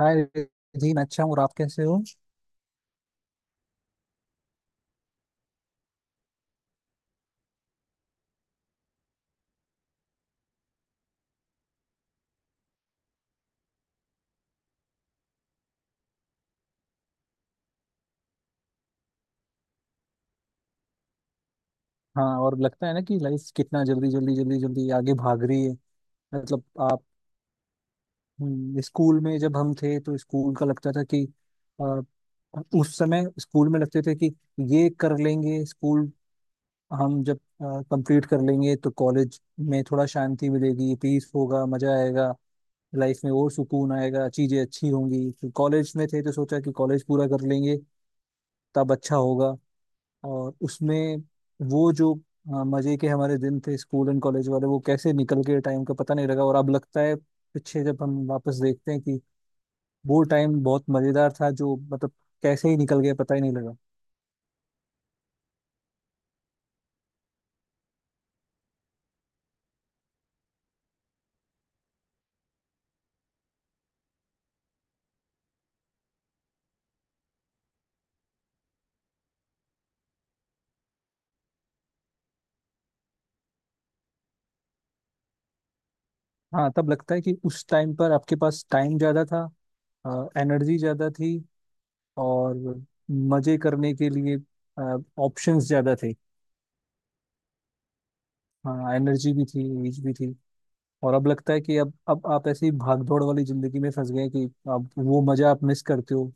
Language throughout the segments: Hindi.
हाय जी, मैं अच्छा हूँ। और आप कैसे हो? हाँ, और लगता है ना कि लाइफ कितना जल्दी जल्दी आगे भाग रही है। मतलब आप। स्कूल में जब हम थे तो स्कूल का लगता था कि आ, उस समय स्कूल में लगते थे कि ये कर लेंगे स्कूल। हम जब कंप्लीट कर लेंगे तो कॉलेज में थोड़ा शांति मिलेगी, पीस होगा, मजा आएगा। लाइफ में और सुकून आएगा, चीजें अच्छी होंगी। फिर कॉलेज में थे तो सोचा कि कॉलेज पूरा कर लेंगे तब अच्छा होगा। और उसमें वो जो मजे के हमारे दिन थे स्कूल एंड कॉलेज वाले, वो कैसे निकल गए टाइम का पता नहीं लगा। और अब लगता है पीछे जब हम वापस देखते हैं कि वो टाइम बहुत मजेदार था, जो मतलब कैसे ही निकल गया पता ही नहीं लगा। हाँ, तब लगता है कि उस टाइम पर आपके पास टाइम ज्यादा था, एनर्जी ज्यादा थी, और मजे करने के लिए ऑप्शंस ज्यादा थे। हाँ, एनर्जी भी थी, एज भी थी। और अब लगता है कि अब आप ऐसी भागदौड़ वाली जिंदगी में फंस गए कि अब वो मजा आप मिस करते हो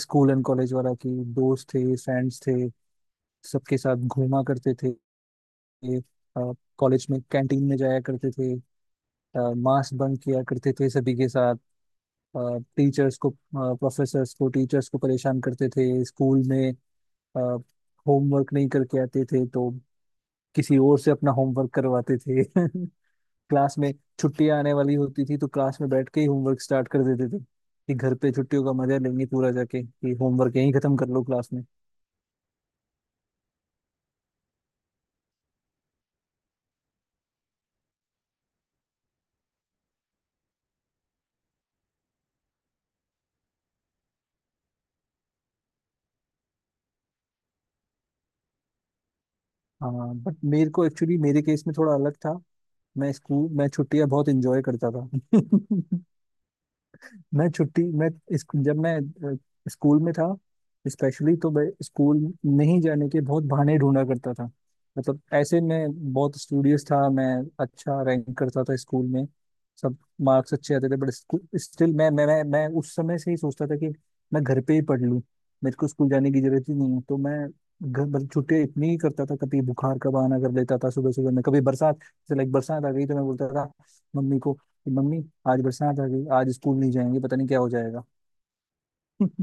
स्कूल एंड कॉलेज वाला। कि दोस्त थे, फ्रेंड्स थे, सबके साथ घूमा करते थे। कॉलेज में कैंटीन में जाया करते थे। मास्क बंक किया करते थे सभी के साथ। टीचर्स को प्रोफेसर्स को, टीचर्स को परेशान करते थे स्कूल में। होमवर्क नहीं करके आते थे तो किसी और से अपना होमवर्क करवाते थे। क्लास में छुट्टियां आने वाली होती थी तो क्लास में बैठ के ही होमवर्क स्टार्ट कर देते थे कि घर पे छुट्टियों का मजा लेंगे पूरा जाके, कि होमवर्क यहीं खत्म कर लो क्लास में। हाँ, बट मेरे को एक्चुअली मेरे केस में थोड़ा अलग था। मैं स्कूल, मैं छुट्टियां बहुत इंजॉय करता था। मैं छुट्टी मैं जब मैं अ, स्कूल में था स्पेशली, तो मैं स्कूल नहीं जाने के बहुत बहाने ढूंढा करता था। मतलब ऐसे मैं बहुत स्टूडियस था, मैं अच्छा रैंक करता था स्कूल में, सब मार्क्स अच्छे आते थे, बट स्टिल मैं उस समय से ही सोचता था कि मैं घर पे ही पढ़ लूँ, मेरे को स्कूल जाने की जरूरत ही नहीं है। तो मैं घर, मतलब छुट्टियाँ इतनी ही करता था, कभी बुखार का बहाना कर लेता था सुबह सुबह में, कभी बरसात जैसे लाइक बरसात आ गई तो मैं बोलता था मम्मी को कि मम्मी, आज बरसात आ गई, आज स्कूल नहीं जाएंगे, पता नहीं क्या हो जाएगा।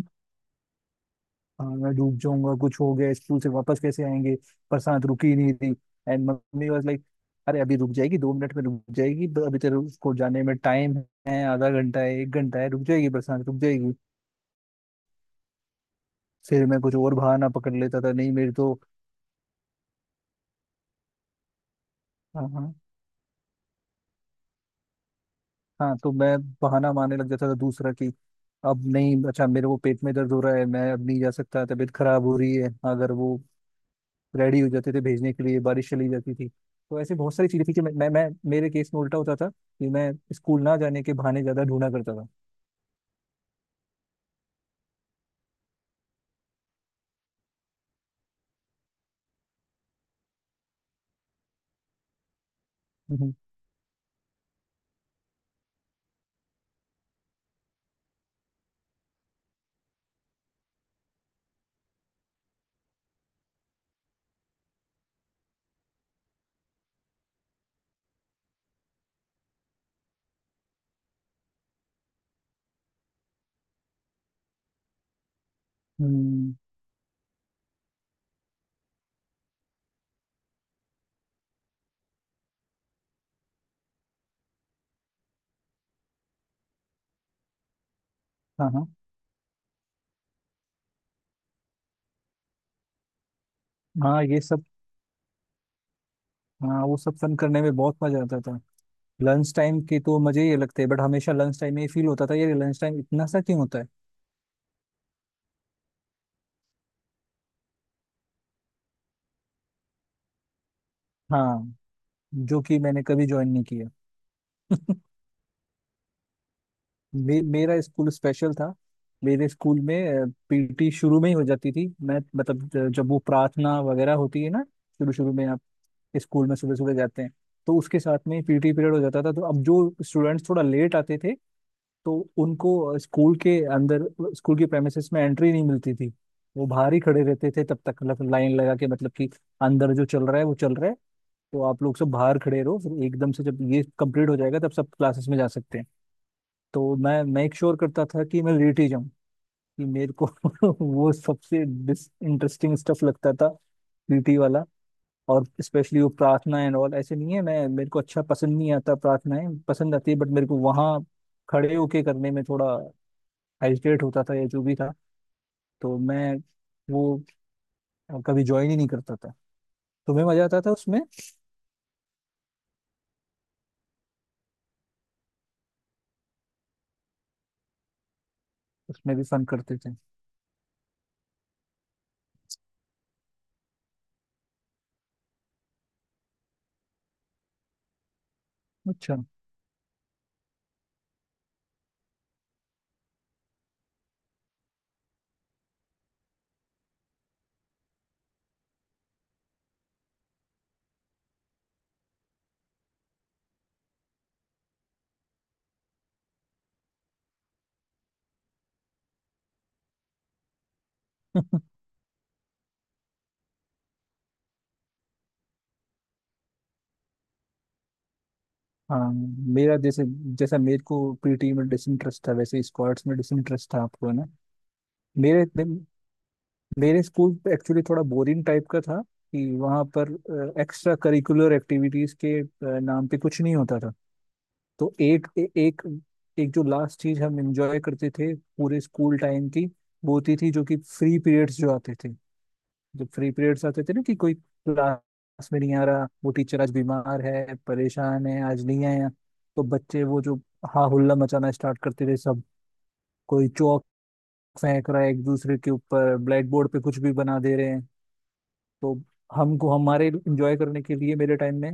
हाँ, मैं डूब जाऊंगा, कुछ हो गया स्कूल से वापस कैसे आएंगे, बरसात रुकी ही नहीं थी। एंड मम्मी वाज लाइक, अरे अभी रुक जाएगी, दो मिनट में रुक जाएगी, अभी तेरे को जाने में टाइम है, आधा घंटा है, एक घंटा है, रुक जाएगी, बरसात रुक जाएगी। फिर मैं कुछ और बहाना पकड़ लेता था, नहीं मेरी तो। हाँ, हाँ। हाँ तो मैं बहाना मारने लग जाता था दूसरा कि अब नहीं, अच्छा मेरे को पेट में दर्द हो रहा है, मैं अब नहीं जा सकता, तबीयत खराब हो रही है। अगर वो रेडी हो जाते थे भेजने के लिए, बारिश चली जाती थी, तो ऐसे बहुत सारी चीजें थी कि मैं मेरे केस में उल्टा होता था कि मैं स्कूल ना जाने के बहाने ज्यादा ढूंढा करता था। हम्म। हम्म। हाँ, हाँ। हाँ, ये सब। हाँ, वो सब फन करने में बहुत मजा आता था। लंच टाइम के तो मजे ही लगते हैं, बट हमेशा लंच टाइम में ये फील होता था, ये लंच टाइम इतना सा क्यों होता है। हाँ, जो कि मैंने कभी ज्वाइन नहीं किया। मेरा स्कूल स्पेशल था। मेरे स्कूल में पीटी शुरू में ही हो जाती थी। मैं मतलब जब वो प्रार्थना वगैरह होती है ना, शुरू शुरू में आप स्कूल में सुबह सुबह जाते हैं, तो उसके साथ में पीटी पीरियड हो जाता था। तो अब जो स्टूडेंट्स थोड़ा लेट आते थे, तो उनको स्कूल के अंदर, स्कूल के प्रेमिसेस में एंट्री नहीं मिलती थी, वो बाहर ही खड़े रहते थे तब तक। मतलब लाइन लगा के, मतलब कि अंदर जो चल रहा है वो चल रहा है, तो आप लोग सब बाहर खड़े रहो, फिर एकदम से जब ये कंप्लीट हो जाएगा तब सब क्लासेस में जा सकते हैं। तो मैं मेक श्योर करता था कि मैं लेट ही जाऊं, कि मेरे को वो सबसे डिस इंटरेस्टिंग स्टफ लगता था पीटी वाला। और स्पेशली वो प्रार्थना एंड ऑल, ऐसे नहीं है मैं, मेरे को अच्छा पसंद नहीं आता, प्रार्थनाएं पसंद आती है, बट मेरे को वहाँ खड़े होके करने में थोड़ा हेजिटेट होता था, या जो भी था। तो मैं वो कभी ज्वाइन ही नहीं करता था। तो मैं, मजा आता था उसमें, उसमें भी फन करते थे। अच्छा। हाँ, मेरा जैसे, जैसा मेरे को पीटी में डिसइंटरेस्ट था वैसे स्क्वाड्स में डिसइंटरेस्ट था आपको, है ना। मेरे मेरे स्कूल पे एक्चुअली थोड़ा बोरिंग टाइप का था कि वहाँ पर एक्स्ट्रा करिकुलर एक्टिविटीज के नाम पे कुछ नहीं होता था। तो एक एक जो लास्ट चीज हम एंजॉय करते थे पूरे स्कूल टाइम की, वो होती थी जो कि फ्री पीरियड्स जो आते थे। जब फ्री पीरियड्स आते थे ना कि कोई क्लास में नहीं आ रहा, वो टीचर आज बीमार है, परेशान है, आज नहीं आया, तो बच्चे वो जो हा हुल्ला मचाना स्टार्ट करते थे सब। कोई चौक फेंक रहा है एक दूसरे के ऊपर, ब्लैक बोर्ड पे कुछ भी बना दे रहे हैं। तो हमको हमारे इंजॉय करने के लिए मेरे टाइम में,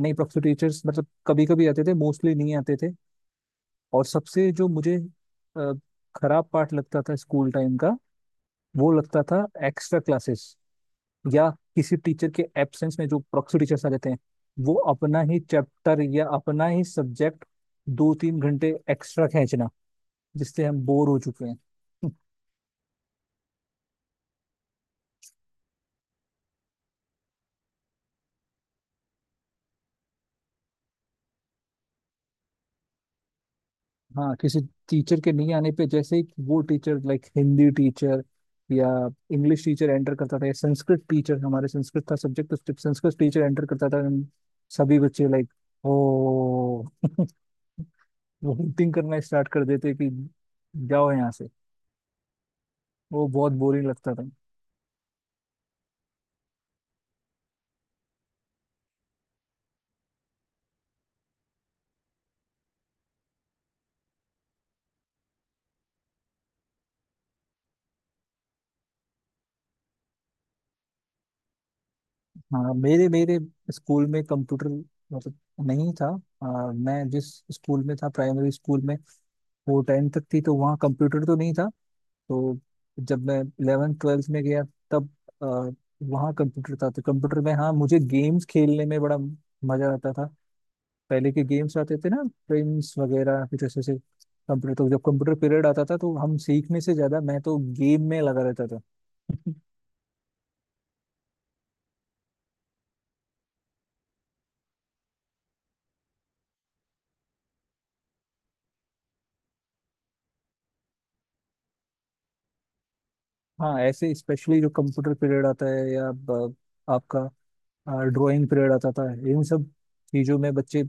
नहीं प्रोफेसर टीचर्स मतलब कभी कभी आते थे, मोस्टली नहीं आते थे। और सबसे जो मुझे अ, खराब पार्ट लगता था स्कूल टाइम का, वो लगता था एक्स्ट्रा क्लासेस, या किसी टीचर के एब्सेंस में जो प्रोफेसर टीचर्स आ जाते हैं, वो अपना ही चैप्टर या अपना ही सब्जेक्ट दो तीन घंटे एक्स्ट्रा खींचना, जिससे हम बोर हो चुके हैं। हाँ, किसी टीचर के नहीं आने पे जैसे ही वो टीचर लाइक हिंदी टीचर या इंग्लिश टीचर एंटर करता था, या संस्कृत टीचर, हमारे संस्कृत था सब्जेक्ट, तो संस्कृत टीचर एंटर करता था, हम सभी बच्चे लाइक ओ वोमिटिंग करना स्टार्ट कर देते कि जाओ यहाँ से। वो बहुत बोरिंग लगता था। हाँ, मेरे मेरे स्कूल में कंप्यूटर मतलब नहीं था। मैं जिस स्कूल में था, प्राइमरी स्कूल में, वो टेंथ तक थी, तो वहाँ कंप्यूटर तो नहीं था। तो जब मैं 11th 12th में गया तब आ, वहाँ कंप्यूटर था। तो कंप्यूटर में हाँ मुझे गेम्स खेलने में बड़ा मजा आता था। पहले के गेम्स आते थे ना, प्रिंस वगैरह, कुछ ऐसे ऐसे कंप्यूटर। तो जब कंप्यूटर पीरियड आता था तो हम सीखने से ज्यादा मैं तो गेम में लगा रहता था। हाँ, ऐसे स्पेशली जो कंप्यूटर पीरियड आता है या आपका ड्राइंग पीरियड आता था, इन सब चीजों में बच्चे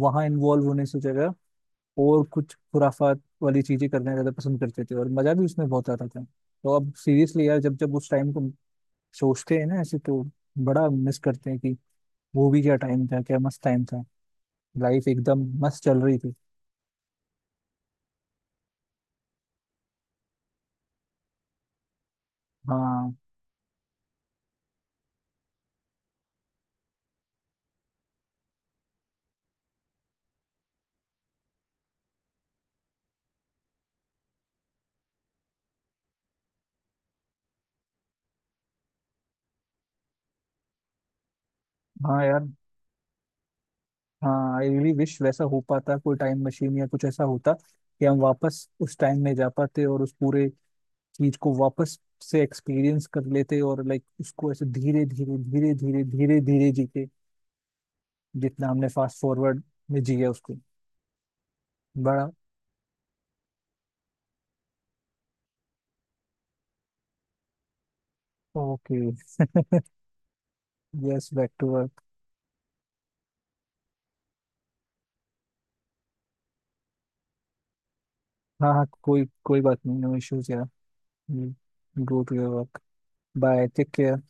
वहाँ इन्वॉल्व होने से जगह और कुछ खुराफात वाली चीजें करना ज्यादा पसंद करते थे, और मजा भी उसमें बहुत आता था। तो अब सीरियसली यार, जब जब उस टाइम को सोचते हैं ना ऐसे, तो बड़ा मिस करते हैं कि वो भी क्या टाइम था, क्या मस्त टाइम था। लाइफ एकदम मस्त चल रही थी। हाँ। हाँ यार, हाँ आई रियली विश वैसा हो पाता, कोई टाइम मशीन या कुछ ऐसा होता कि हम वापस उस टाइम में जा पाते और उस पूरे चीज को वापस से एक्सपीरियंस कर लेते, और लाइक उसको ऐसे धीरे धीरे धीरे धीरे धीरे धीरे जीते, जितना हमने फास्ट फॉरवर्ड में जिया उसको। बड़ा। Okay. Yes, back to work. हाँ हाँ, कोई कोई बात नहीं, नो इश्यूज यार। Go to your work. Bye, take care.